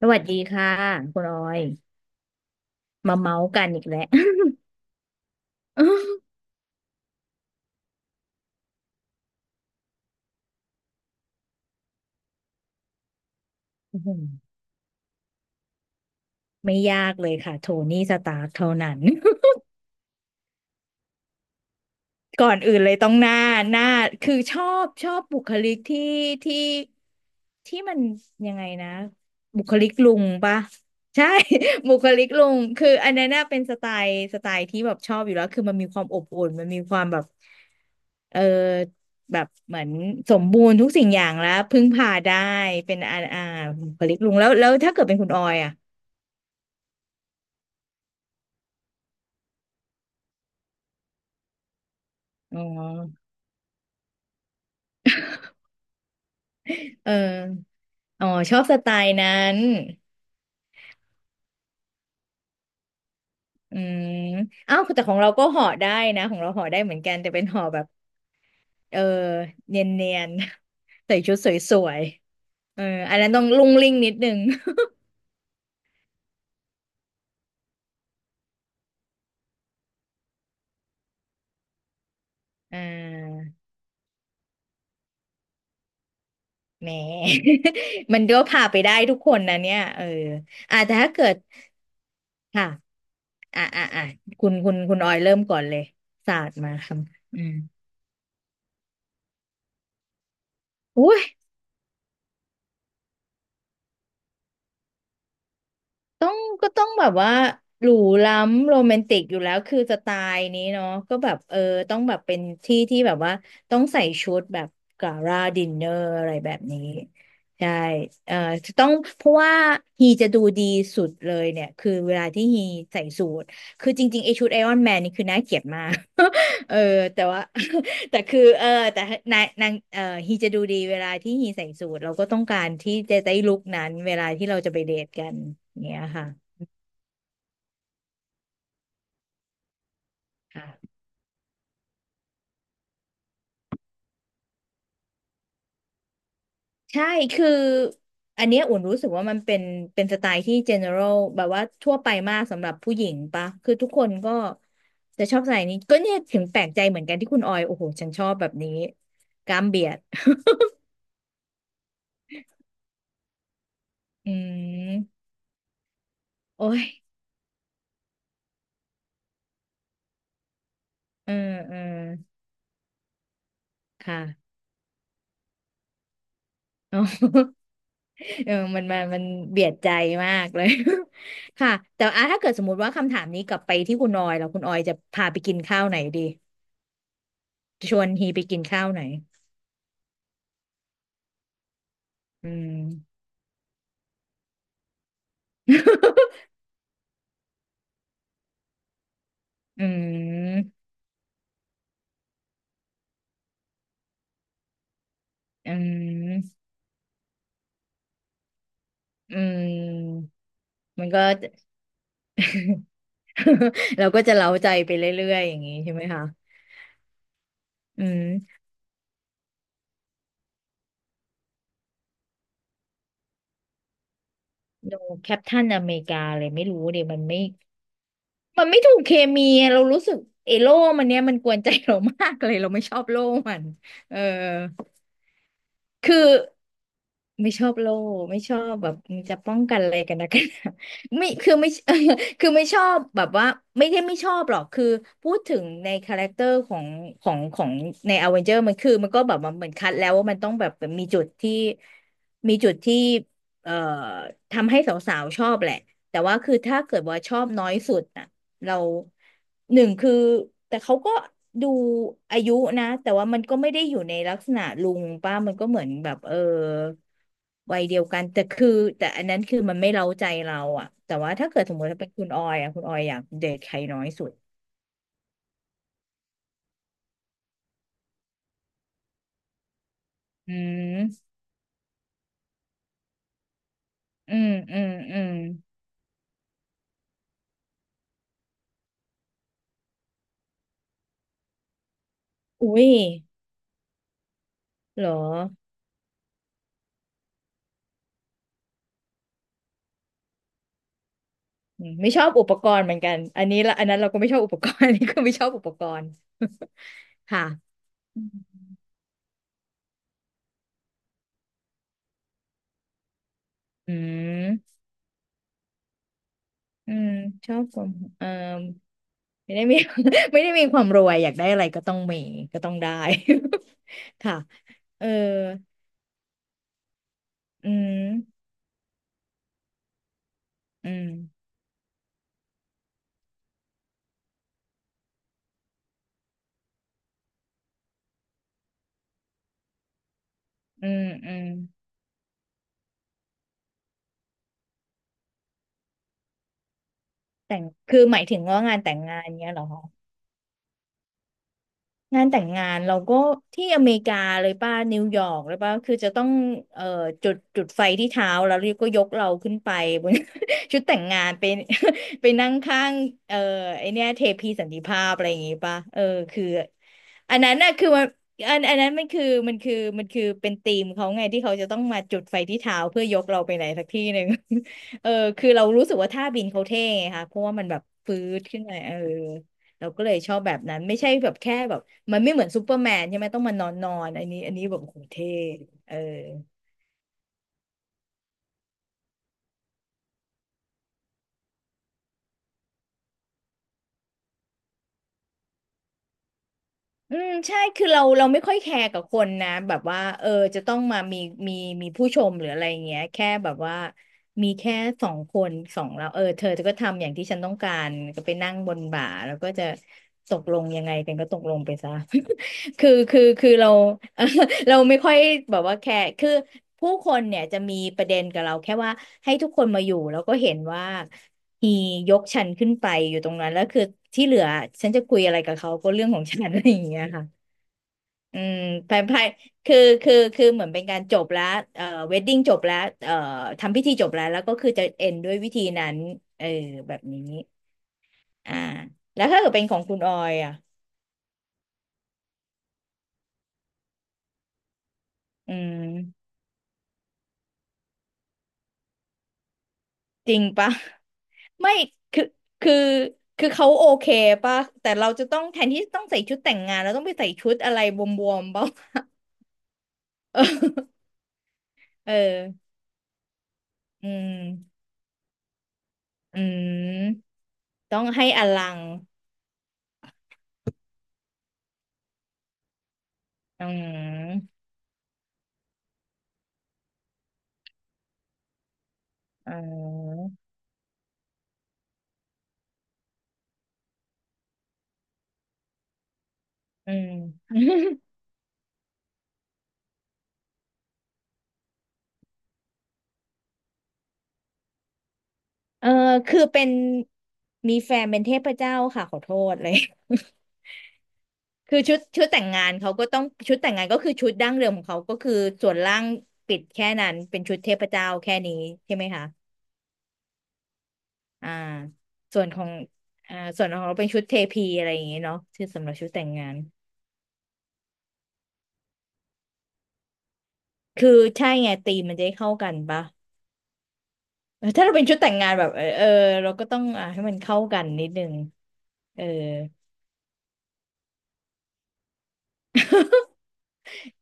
สวัสดีค่ะคุณออยมาเมาส์กันอีกแล้ว อื้อหือไม่ยากเลยค่ะโทนี่สตาร์คเท่านั้น ก่อนอื่นเลยต้องหน้าคือชอบบุคลิกที่ที่มันยังไงนะบุคลิกลุงปะใช่ บุคลิกลุงคืออันนั้นน่ะเป็นสไตล์ที่แบบชอบอยู่แล้วคือมันมีความอบอุ่นมันมีความแบบเออแบบเหมือนสมบูรณ์ทุกสิ่งอย่างแล้วพึ่งพาได้เป็นบุคลิกลุงแล้วถ้าเกิดเป็นคุณออยอ่ะอ๋อเอออ๋อชอบสไตล์นั้น อืมอ้าวแต่ของเราก็ห่อได้นะของเราห่อได้เหมือนกันแต่เป็นห่อแบบเออเนียน ใส่ชุดสวยๆเอออันนั้นต้องลุ่งลิ่งนิดนึงอ่าแหม มันก็พาไปได้ทุกคนนะเนี่ยเอออ่าแต่ถ้าเกิดค่ะอ่าอ่าอ่าคุณออยเริ่มก่อนเลยศาสตร์มาคำอุ้ย ต้องก็ต้องแบบว่าหรูล้ำโรแมนติกอยู่แล้วคือสไตล์นี้เนาะก็แบบต้องแบบเป็นที่แบบว่าต้องใส่ชุดแบบกาลาดินเนอร์อะไรแบบนี้ใช่เออต้องเพราะว่าฮีจะดูดีสุดเลยเนี่ยคือเวลาที่ฮีใส่สูทคือจริงๆไอชุดไอรอนแมนนี่คือน่าเกลียดมาก เออแต่ว่า แต่คือแต่นางเออฮีจะดูดีเวลาที่ฮีใส่สูทเราก็ต้องการที่จะได้ลุคนั้นเวลาที่เราจะไปเดทกันเนี้ยค่ะค่ะใช่คืออันเนี้ยอุ่นรู้สึกว่ามันเป็นสไตล์ที่ general แบบว่าทั่วไปมากสำหรับผู้หญิงปะคือทุกคนก็จะชอบใส่นี้ก็เนี่ยถึงแปลกใจเหมือนกันที่คุณออยโอ้โหฉันชอบแบบนี้กล้ามเบียดอืมโอ้ยเออเออค่ะ อ๋อ เออมันเบียดใจมากเลย ค่ะแต่อ่ะถ้าเกิดสมมติว่าคำถามนี้กลับไปที่คุณออยแล้วคุณออยจะพาไปกินข้าวไหนดีชวนฮีไปกินข้าวไหนอืม อืมอืมอืมมันก็ เราก็จะเล้าใจไปเรื่อยๆอย่างนี้ใช่ไหมคะอืมโนแคปทันอเมริกาเลยไม่รู้ดิมันไม่ถูกเคมีอะเรารู้สึกเอโล่มันเนี้ยมันกวนใจเรา มากเลยเราไม่ชอบโล่มันเออคือ ไม่ชอบโลกไม่ชอบแบบมันจะป้องกันอะไรกันนะกัน หนาไม่คือไม่ คือไม่ชอบแบบว่าไม่ได้ไม่ชอบหรอกคือพูดถึงในคาแรคเตอร์ของของในอเวนเจอร์มันคือมันก็แบบมันเหมือนคัดแล้วว่ามันต้องแบบมีจุดที่มีจุดที่เอ่อทำให้สาวๆชอบแหละแต่ว่าคือถ้าเกิดว่าชอบน้อยสุดน่ะ เราหนึ่งคือแต่เขาก็ดูอายุนะแต่ว่ามันก็ไม่ได้อยู่ในลักษณะลุงป้ามันก็เหมือนแบบเออวัยเดียวกันแต่คือแต่อันนั้นคือมันไม่เร้าใจเราอ่ะแต่ว่าถ้าเกิดสมมติถ้าเป็นคุณออยอ่ะคุณออยอยากเดทใครน้อยสุดอืมอืมอุ้ยเหรออืมไม่ชอบอุปกรณ์เหมือนกันอันนี้ละอันนั้นเราก็ไม่ชอบอุปกรณ์ อันนี้ก็ไม่ชอบอุปกรณ์ค่ะอืมอืมชอบความเออ ไม่ได้มี ไม่ได้มีความรวยอยากได้อะไรก็ต้องมีก็ต้องได้ ค่ะเอออืมอืมอืมแต่งคือหมายถึงว่างานแต่งงานเนี้ยเหรอ งานแต่งงานเราก็ที่อเมริกาเลยป่ะนิวยอร์กเลยป่ะคือจะต้องเอ่อจุดไฟที่เท้าแล้วก็ยกเราขึ้นไปบน ชุดแต่งงานไป ไปนั่งข้างเอ่อไอเนี้ยเทพีสันติภาพอะไรอย่างงี้ป่ะเออคืออันนั้นน่ะคือมันอันนั้นมันคือมันคือเป็นธีมเขาไงที่เขาจะต้องมาจุดไฟที่เท้าเพื่อยกเราไปไหนสักที่หนึ่ง เออคือเรารู้สึกว่าท่าบินเขาเท่ไงค่ะเพราะว่ามันแบบฟื้ดขึ้นมาเออ เราก็เลยชอบแบบนั้นไม่ใช่แบบแค่แบบมันไม่เหมือนซูเปอร์แมนใช่ไหมต้องมานอนนอนอันนี้แบบโอ้โหเท่เออ อืมใช่คือเราไม่ค่อยแคร์กับคนนะแบบว่าเออจะต้องมามีมีผู้ชมหรืออะไรอย่างเงี้ยแค่แบบว่ามีแค่สองคนสองเราเออเธอก็ทำอย่างที่ฉันต้องการก็ไปนั่งบนบ่าแล้วก็จะตกลงยังไงกันก็ตกลงไปซะ คือเรา เราไม่ค่อยแบบว่าแคร์คือผู้คนเนี่ยจะมีประเด็นกับเราแค่ว่าให้ทุกคนมาอยู่แล้วก็เห็นว่า ฮียกฉันขึ้นไปอยู่ตรงนั้นแล้วคือที่เหลือฉันจะคุยอะไรกับเขาก็เรื่องของฉัน อะไรอย่างเงี้ยค่ะอืมภายภายคือคือเหมือนเป็นการจบแล้วเวดดิ้งจบแล้วเอ่อทำพิธีจบแล้วแล้วก็คือจะเอ็นด้วยวิธีนั้นเออแบบนี้อ่าแล้วถ้าเกิดเป็นของคุณออยอ่ะอืมจริงปะ ไม่คือคือคือเขาโอเคปะแต่เราจะต้องแทนที่ต้องใส่ชุดแต่งงานเราต้องไปใส่ชุดอะไรบวมๆปล เอออืมอืม ต้องให้อลังอืมอืมอืม เออคือเป็นมีแฟนเป็นเทพเจ้าค่ะขอโทษเลย คือชุดแต่งงานเขาก็ต้องชุดแต่งงานก็คือชุดดั้งเดิมของเขา ก็คือส่วนล่างปิดแค่นั้นเป็นชุดเทพเจ้าแค่นี้ใช่ไหมคะอ่าส่วนของอ่าส่วนของเราเป็นชุดเทพีอะไรอย่างเงี้เนาะชื่อสำหรับชุดแต่งงาน คือใช่ไงธีมมันจะได้เข้ากันปะ เออถ้าเราเป็นชุดแต่งงานแบบเออเออเราก็ต้องอ่าให้มันเข้ากันนิดนึงเออ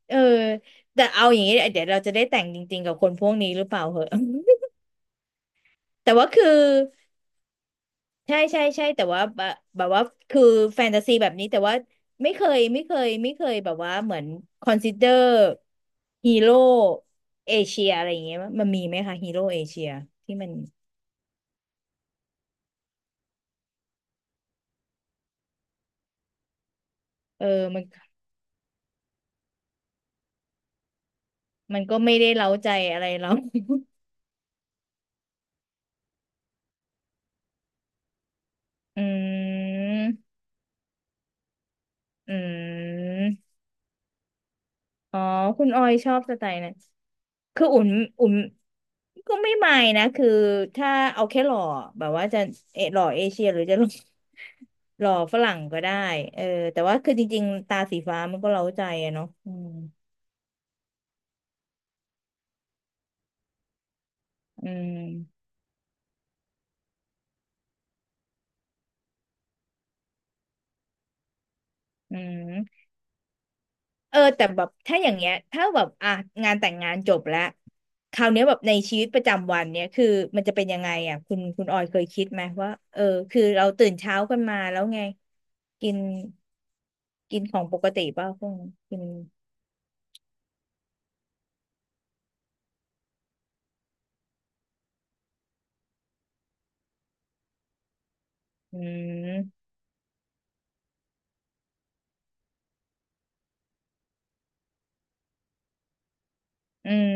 เออแต่เอาอย่างนี้เดี๋ยวเราจะได้แต่งจริงๆกับคนพวกนี้หรือเปล่าเหอะ แต่ว่าคือใช่ใช่ใช่แต่ว่าแบบแบบว่าคือแฟนตาซีแบบนี้แต่ว่าไม่เคยแบบว่าเหมือนคอนซิเดอร์ฮีโร่เอเชียอะไรอย่างเงี้ยมันมีไหมคะฮีโร่เอเชียที่มันเออมันมันก็ไม่ได้เร้าใจอะไรเรา อืมอืม อ๋อคุณออยชอบสไตล์นั้นคืออุ่นอุ่นก็ไม่นะคือถ้าเอาแค่หล่อแบบว่าจะเออหล่อเอเชียหรือจะหล่อ หล่อฝรั่งก็ได้เออแต่ว่าคือจริงๆตาสีฟ้ามันก็เร้าใจอะเนาะอืมอืมอืมเออแต่แบบถ้าอย่างเงี้ยถ้าแบบอ่ะงานแต่งงานจบแล้วคราวเนี้ยแบบในชีวิตประจำวันเนี้ยคือมันจะเป็นยังไงอ่ะคุณออยเคยคิดไหมว่าเออคือเราตื่นเช้ากันมาแล้วไงกิน กินของปกติป่ะพวกนี้กินอืมอืม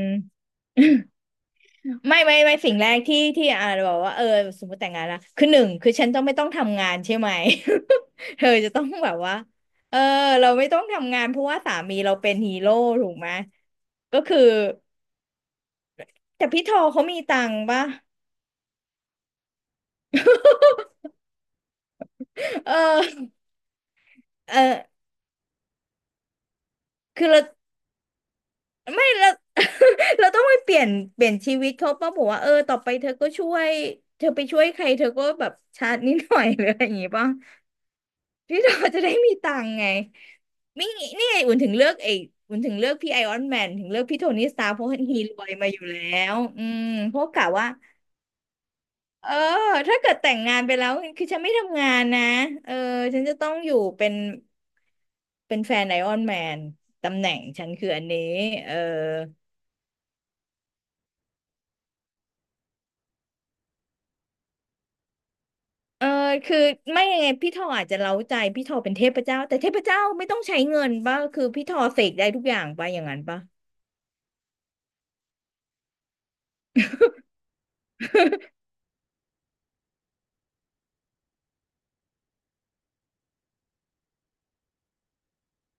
ไม่สิ่งแรกที่อ่าบอกว่าเออสมมติแต่งงานละคือหนึ่งคือฉันต้องไม่ต้องทำงานใช่ไหม เธอจะต้องแบบว่าเออเราไม่ต้องทำงานเพราะว่าสามีเราเป็นฮีโร่ถูกไหมก็คือแต่พี่ทอเขามีตังค์ป่ะ เออเออคือเรา ไม่เรา เราต้องไปเปลี่ยนเปลี่ยนชีวิตเขาป่ะบอกว่าเออต่อไปเธอก็ช่วยเธอไปช่วยใครเธอก็แบบชาร์จนิดหน่อยหรืออะไรอย่างงี้ป่ะพี่เราจะได้มีตังค์ไงไม่นี่ไงอุ่นถึงเลือกไอ้อุ่นถึงเลือกพี่ไอออนแมนถึงเลือกพี่โทนี่สตาร์เพราะฮีรวยมาอยู่แล้วอืมเพราะกะว่าเออถ้าเกิดแต่งงานไปแล้วคือฉันไม่ทำงานนะเออฉันจะต้องอยู่เป็นเป็นแฟนไอออนแมนตำแหน่งฉันคืออันนี้เออ เออคือไม่ยังไงพี่ทออาจจะเร้าใจพี่ทอเป็นเทพเจ้าแต่เทพเจ้าไม่ต้องใช้เงินป่ะคือพี่ทอเสกได้ทุกอย่างป่ะอย่างนั้นป่ะ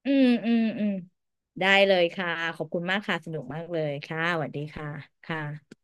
อืมอืมอืมได้เลยค่ะขอบคุณมากค่ะสนุกมากเลยค่ะสวัสดีค่ะค่ะ